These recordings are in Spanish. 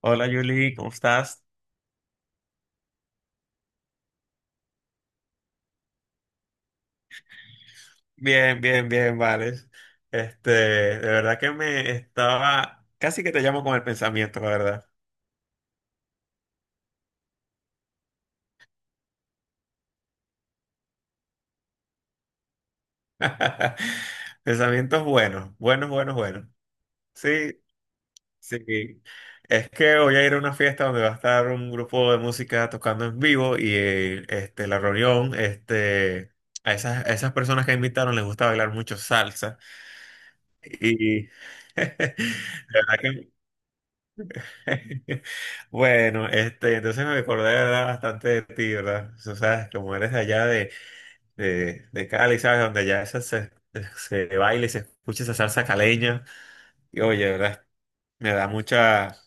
Hola Julie, ¿cómo estás? Bien, bien, bien, vale. De verdad que me estaba, casi que te llamo con el pensamiento, la verdad. Pensamientos buenos, buenos, buenos, buenos. Sí, sí. Es que voy a ir a una fiesta donde va a estar un grupo de música tocando en vivo y a esas personas que invitaron les gusta bailar mucho salsa. Y de verdad. Bueno, entonces me acordé, ¿verdad? Bastante de ti, ¿verdad? O sea, como eres de allá de, de Cali, ¿sabes? Donde allá se baila y se escucha esa salsa caleña. Y oye, ¿verdad? Me da mucha,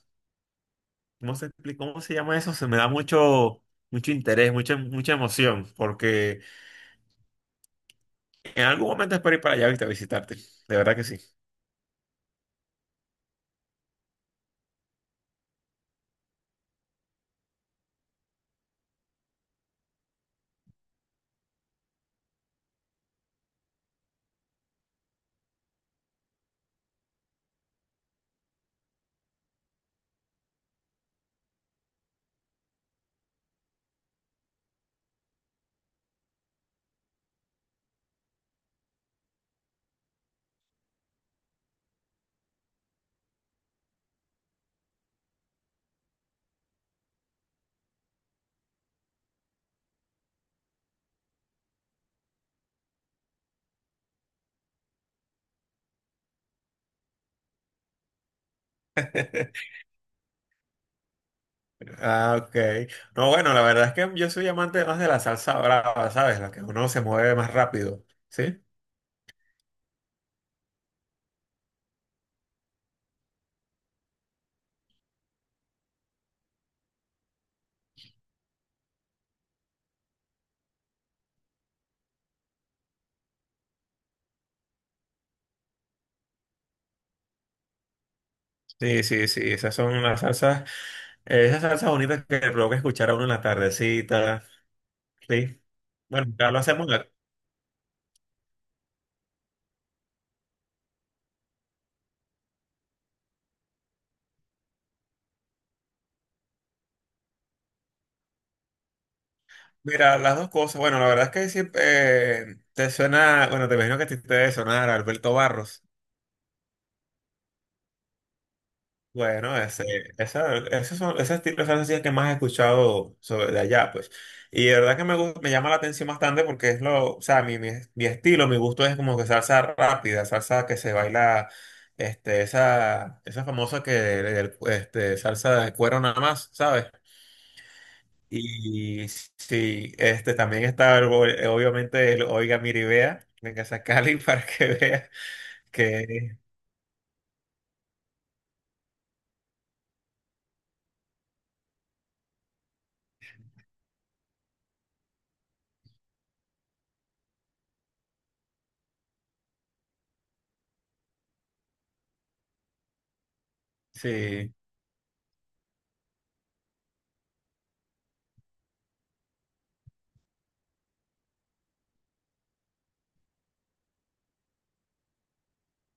¿cómo se explica? ¿Cómo se llama eso? Se me da mucho interés, mucha emoción, porque en algún momento espero ir para allá, ¿viste? A visitarte. De verdad que sí. Ah, ok. No, bueno, la verdad es que yo soy amante más de la salsa brava, ¿sabes? La que uno se mueve más rápido, ¿sí? Sí, sí, sí, esas son las salsas, esas salsas bonitas que le provoca escuchar a uno en la tardecita, sí. Bueno, ya lo hacemos. Mira, las dos cosas, bueno, la verdad es que siempre te suena, bueno, te imagino que a ti te debe sonar Alberto Barros. Bueno, ese, esa, esos son, ese estilo de salsa sí es que más he escuchado sobre de allá, pues. Y de verdad que me llama la atención bastante porque es lo, o sea, mi estilo, mi gusto es como que salsa rápida, salsa que se baila, esa famosa salsa de cuero nada más, ¿sabes? Y sí, también está obviamente el Oiga Miribea, venga a Cali para que vea que sí.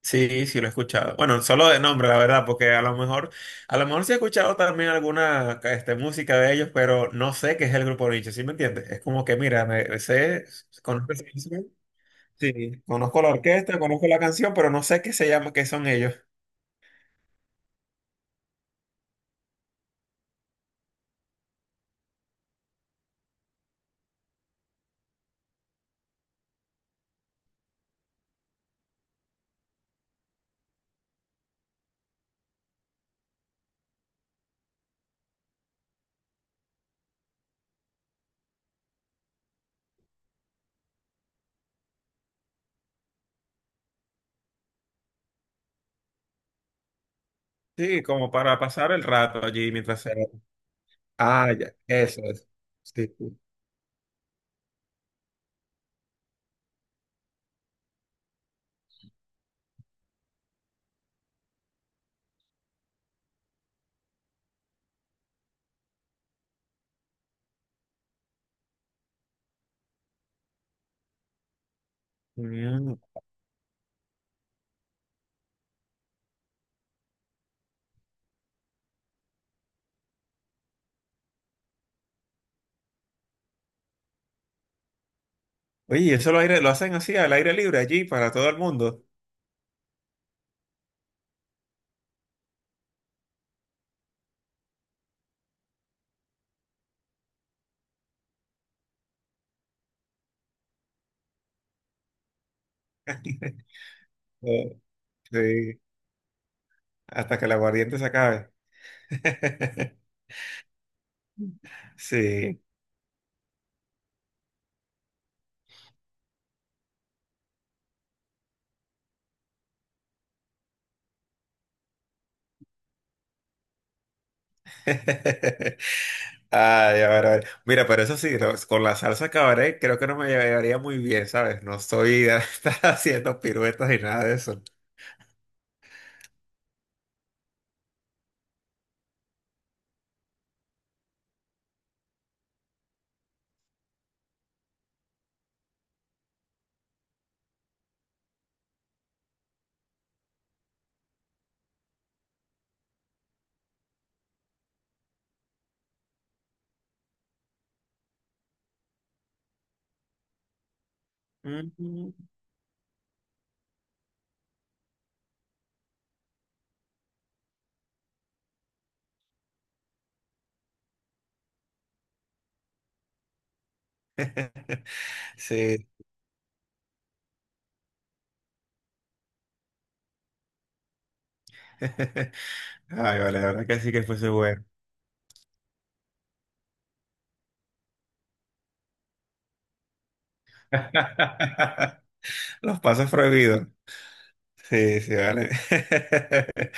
Sí, sí lo he escuchado. Bueno, solo de nombre, la verdad, porque a lo mejor sí he escuchado también alguna música de ellos, pero no sé qué es el grupo Nietzsche, ¿sí me entiendes? Es como que, mira, conozco esa canción, sí, conozco la orquesta, conozco la canción, pero no sé qué se llama, qué son ellos. Sí, como para pasar el rato allí mientras se... Ah, ya, eso es. Sí. Sí. Mm. Oye, eso lo hacen así, al aire libre allí, para todo el mundo. Sí, hasta que el aguardiente se acabe. Sí. Ay, a ver, a ver. Mira, pero eso sí, con la salsa cabaret creo que no me llevaría muy bien, ¿sabes? No estoy de estar haciendo piruetas ni nada de eso. Mm. Sí. Ay, vale, la verdad que sí que fuese bueno. Los pasos prohibidos. Sí, sí, vale.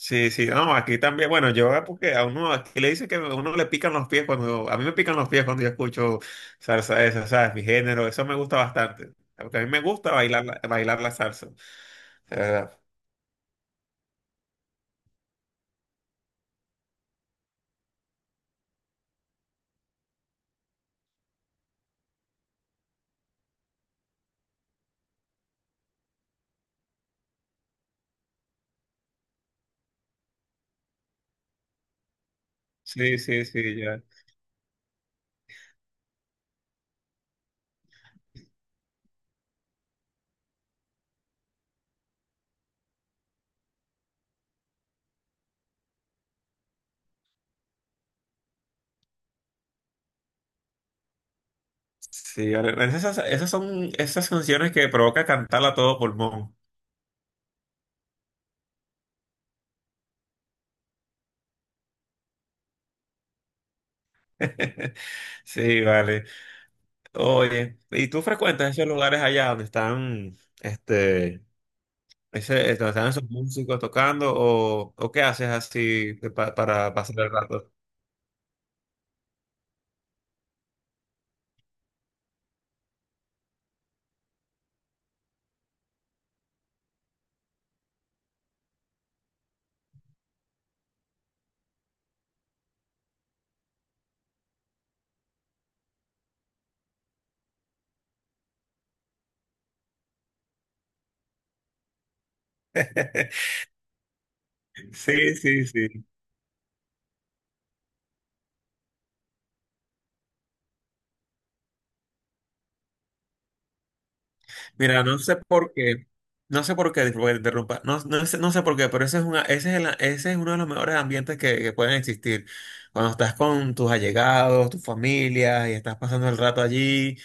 Sí, sí, no, aquí también, bueno, yo porque a uno aquí le dicen que a uno le pican los pies cuando, a mí me pican los pies cuando yo escucho salsa esa, ¿sabes? Mi género, eso me gusta bastante, porque a mí me gusta bailar la salsa, de verdad. Sí, sí, sí, ya. Sí, ahora, esas son esas canciones que provoca cantarla a todo pulmón. Sí, vale. Oye, ¿y tú frecuentas esos lugares allá donde están... ¿Están esos músicos tocando o qué haces así que para pasar el rato? Sí, sí, sí. Mira, no sé por qué, disculpa que te interrumpa, no, no sé por qué, pero ese es, una, ese es, el- ese es uno de los mejores ambientes que pueden existir. Cuando estás con tus allegados, tu familia, y estás pasando el rato allí,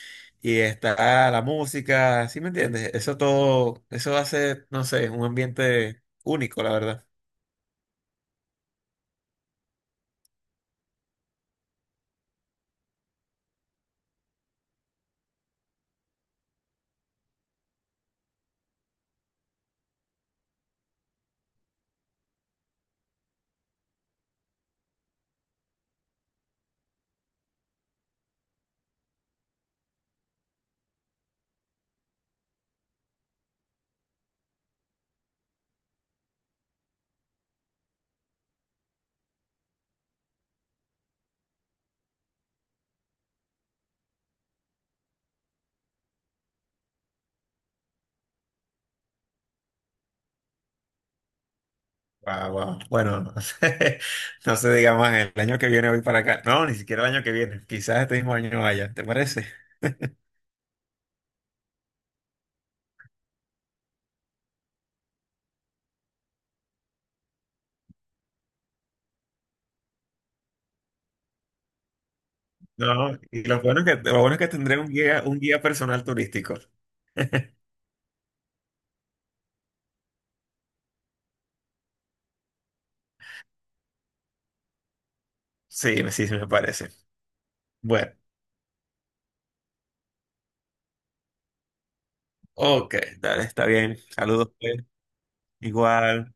y está la música, ¿sí me entiendes? Eso hace, no sé, un ambiente único, la verdad. Guau, guau. Bueno, no sé, no sé, digamos, el año que viene voy para acá. No, ni siquiera el año que viene. Quizás este mismo año vaya, ¿te parece? No, y lo bueno es que tendré un guía personal turístico. Sí, sí me parece. Bueno, ok, dale, está bien. Saludos, pues. Igual.